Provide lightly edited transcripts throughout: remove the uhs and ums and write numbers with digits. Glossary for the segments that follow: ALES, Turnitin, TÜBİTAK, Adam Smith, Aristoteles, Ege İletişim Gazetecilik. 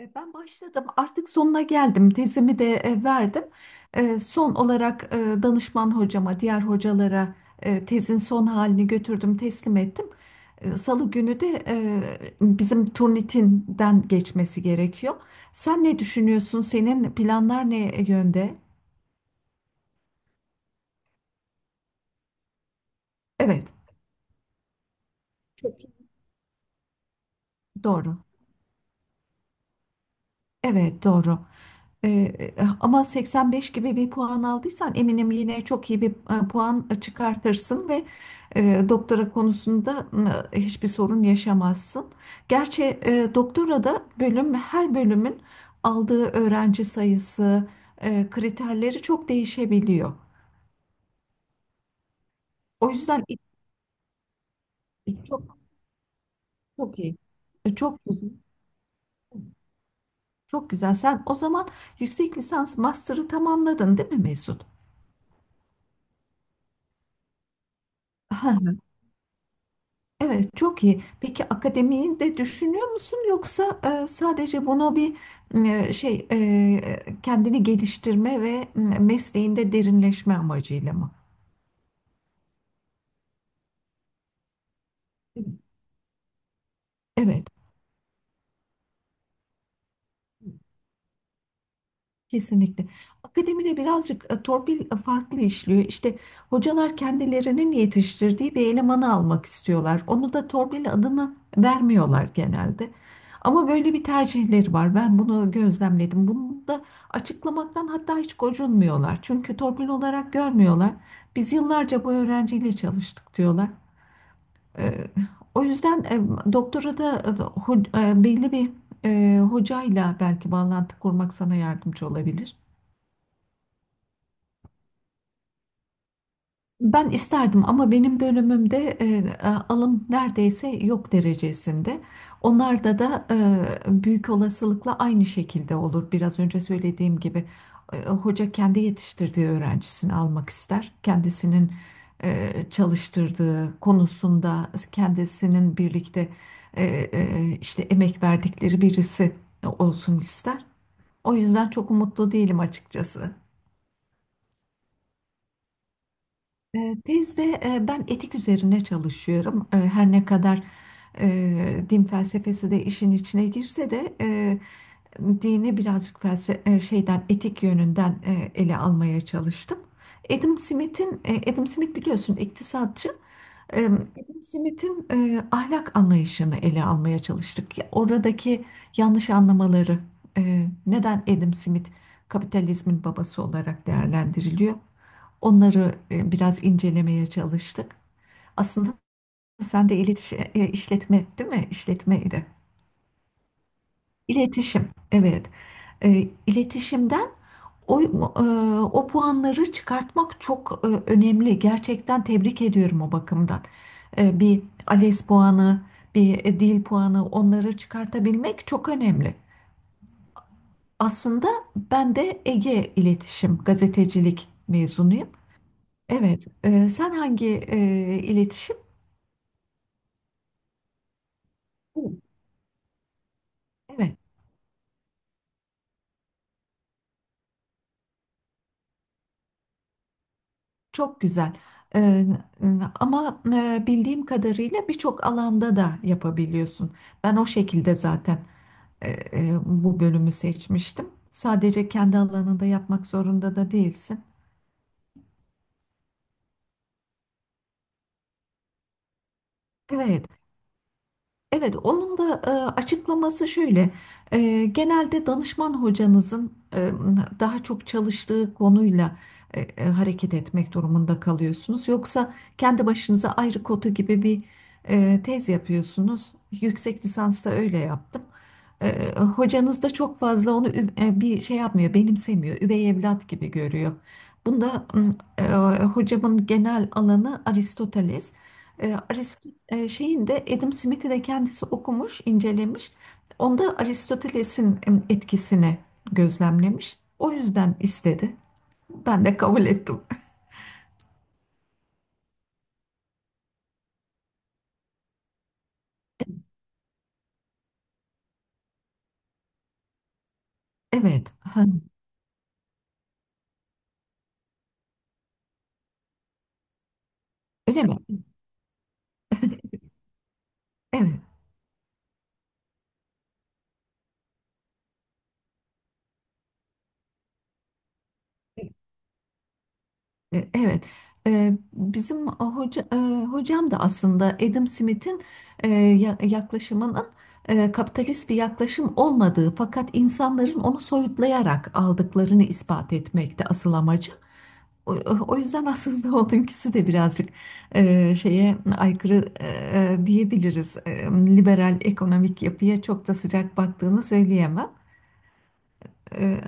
Ben başladım. Artık sonuna geldim. Tezimi de verdim. Son olarak danışman hocama, diğer hocalara tezin son halini götürdüm, teslim ettim. Salı günü de bizim Turnitin'den geçmesi gerekiyor. Sen ne düşünüyorsun? Senin planlar ne yönde? Evet, çok iyi. Doğru. Evet, doğru. Ee, ama 85 gibi bir puan aldıysan eminim yine çok iyi bir puan çıkartırsın ve doktora konusunda hiçbir sorun yaşamazsın. Gerçi doktora da bölüm her bölümün aldığı öğrenci sayısı kriterleri çok değişebiliyor. O yüzden çok çok iyi. Çok güzel. Çok güzel. Sen o zaman yüksek lisans master'ı tamamladın, değil mi Mesut? Evet, çok iyi. Peki akademiyi de düşünüyor musun, yoksa sadece bunu bir kendini geliştirme ve mesleğinde derinleşme amacıyla mı? Evet. Kesinlikle. Akademide birazcık torpil farklı işliyor. İşte hocalar kendilerinin yetiştirdiği bir elemanı almak istiyorlar. Onu da torpil adını vermiyorlar genelde. Ama böyle bir tercihleri var. Ben bunu gözlemledim. Bunu da açıklamaktan hatta hiç gocunmuyorlar. Çünkü torpil olarak görmüyorlar. Biz yıllarca bu öğrenciyle çalıştık diyorlar. E, o yüzden doktora da belli bir hocayla belki bağlantı kurmak sana yardımcı olabilir. Ben isterdim ama benim bölümümde alım neredeyse yok derecesinde. Onlarda da büyük olasılıkla aynı şekilde olur. Biraz önce söylediğim gibi hoca kendi yetiştirdiği öğrencisini almak ister. Kendisinin çalıştırdığı konusunda kendisinin birlikte e, işte emek verdikleri birisi olsun ister. O yüzden çok umutlu değilim açıkçası. Tezde ben etik üzerine çalışıyorum. Her ne kadar din felsefesi de işin içine girse de dini birazcık şeyden etik yönünden ele almaya çalıştım. Adam Smith biliyorsun iktisatçı. Adam Smith'in ahlak anlayışını ele almaya çalıştık. Ya, oradaki yanlış anlamaları neden Adam Smith kapitalizmin babası olarak değerlendiriliyor? Onları biraz incelemeye çalıştık. Aslında sen de iletişim, işletme değil mi? İşletmeydi. İletişim, evet. E, iletişimden o, e, o puanları çıkartmak çok önemli. Gerçekten tebrik ediyorum o bakımdan. Bir ALES puanı, bir dil puanı onları çıkartabilmek çok önemli. Aslında ben de Ege İletişim Gazetecilik mezunuyum. Evet, sen hangi iletişim? Evet, çok güzel. Ee, e, ama bildiğim kadarıyla birçok alanda da yapabiliyorsun. Ben o şekilde zaten bu bölümü seçmiştim. Sadece kendi alanında yapmak zorunda da değilsin. Evet. Evet, onun da açıklaması şöyle. Genelde danışman hocanızın daha çok çalıştığı konuyla hareket etmek durumunda kalıyorsunuz. Yoksa kendi başınıza ayrı kotu gibi bir tez yapıyorsunuz. Yüksek lisansta öyle yaptım. Hocanız da çok fazla onu bir şey yapmıyor, benimsemiyor. Üvey evlat gibi görüyor. Bunda hocamın genel alanı Aristoteles. E, Arist Şeyin de Adam Smith'i de kendisi okumuş, incelemiş. Onda Aristoteles'in etkisini gözlemlemiş. O yüzden istedi. Ben de kabul ettim. Evet. Ha, öyle mi? Evet. Evet. E, Bizim hoca, e, hocam da aslında Adam Smith'in yaklaşımının kapitalist bir yaklaşım olmadığı fakat insanların onu soyutlayarak aldıklarını ispat etmekte asıl amacı. O, o yüzden aslında onunkisi de birazcık şeye aykırı diyebiliriz. Liberal ekonomik yapıya çok da sıcak baktığını söyleyemem. E,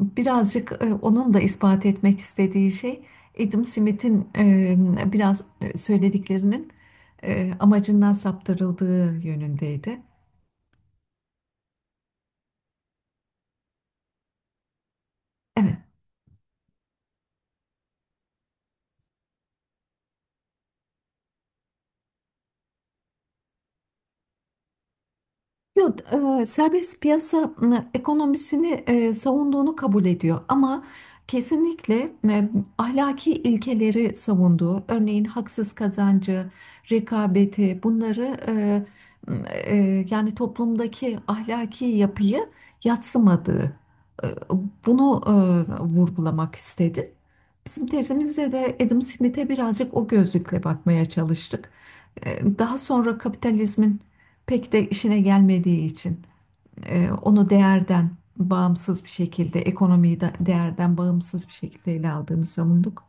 birazcık onun da ispat etmek istediği şey Adam Smith'in biraz söylediklerinin amacından saptırıldığı yönündeydi. Evet. Yok, serbest piyasa ekonomisini savunduğunu kabul ediyor ama kesinlikle ahlaki ilkeleri savunduğu, örneğin haksız kazancı, rekabeti bunları m, yani toplumdaki ahlaki yapıyı yadsımadığı, e, bunu vurgulamak istedi. Bizim tezimizde de Adam Smith'e birazcık o gözlükle bakmaya çalıştık. Daha sonra kapitalizmin pek de işine gelmediği için onu değerden bağımsız bir şekilde, ekonomiyi de değerden bağımsız bir şekilde ele aldığını savunduk,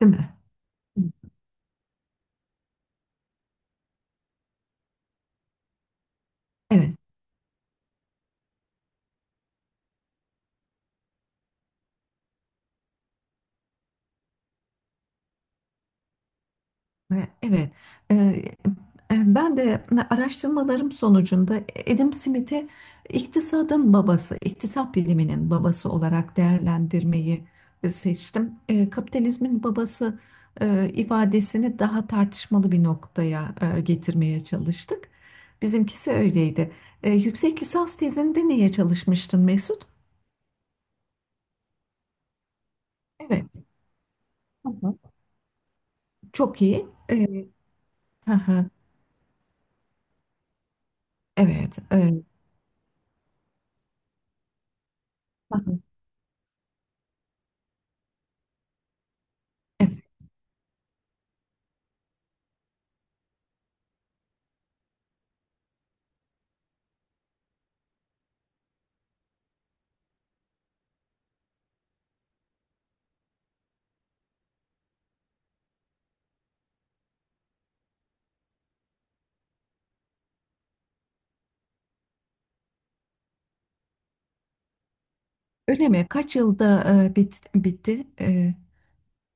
değil mi? Evet. Evet, Ee, ben de araştırmalarım sonucunda Adam Smith'i iktisadın babası, iktisat biliminin babası olarak değerlendirmeyi seçtim. Kapitalizmin babası ifadesini daha tartışmalı bir noktaya getirmeye çalıştık. Bizimkisi öyleydi. Yüksek lisans tezinde neye çalışmıştın Mesut? Evet. Hı hı. Çok iyi. Hı hı. Evet. Hı hı. Öyle mi? Kaç yılda bitti?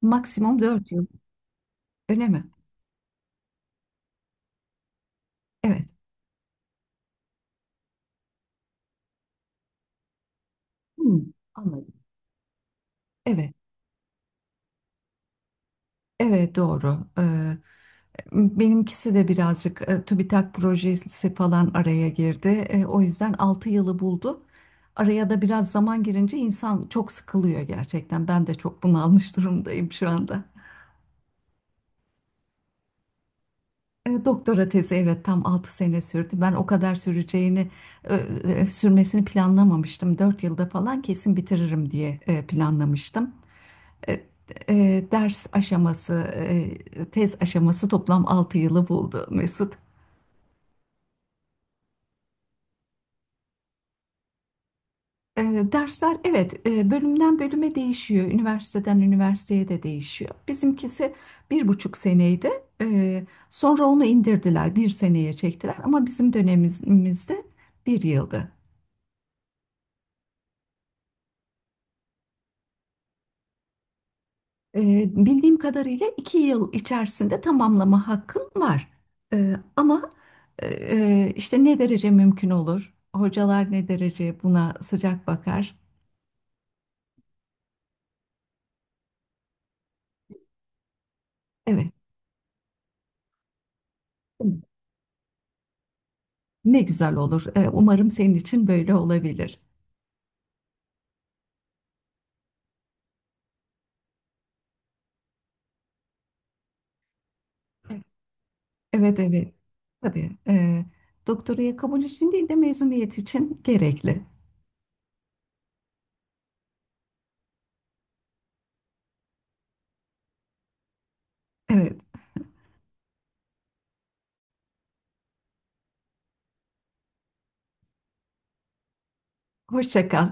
Maksimum 4 yıl. Öyle mi? Evet. Hmm, anladım. Evet. Evet, doğru. Benimkisi de birazcık TÜBİTAK projesi falan araya girdi. O yüzden 6 yılı buldu. Araya da biraz zaman girince insan çok sıkılıyor gerçekten. Ben de çok bunalmış durumdayım şu anda. Doktora tezi, evet, tam 6 sene sürdü. Ben o kadar e, sürmesini planlamamıştım. 4 yılda falan kesin bitiririm diye planlamıştım. E, Ders aşaması, tez aşaması toplam 6 yılı buldu Mesut. E, Dersler, evet, bölümden bölüme değişiyor. Üniversiteden üniversiteye de değişiyor. Bizimkisi bir buçuk seneydi. Sonra onu indirdiler, bir seneye çektiler. Ama bizim dönemimizde bir yıldı. Bildiğim kadarıyla 2 yıl içerisinde tamamlama hakkın var. Ama işte ne derece mümkün olur? Hocalar ne derece buna sıcak bakar? Evet, ne güzel olur. Umarım senin için böyle olabilir. Evet, evet. Tabii. Doktoraya kabul için değil de mezuniyet için gerekli. Evet, hoşça kal.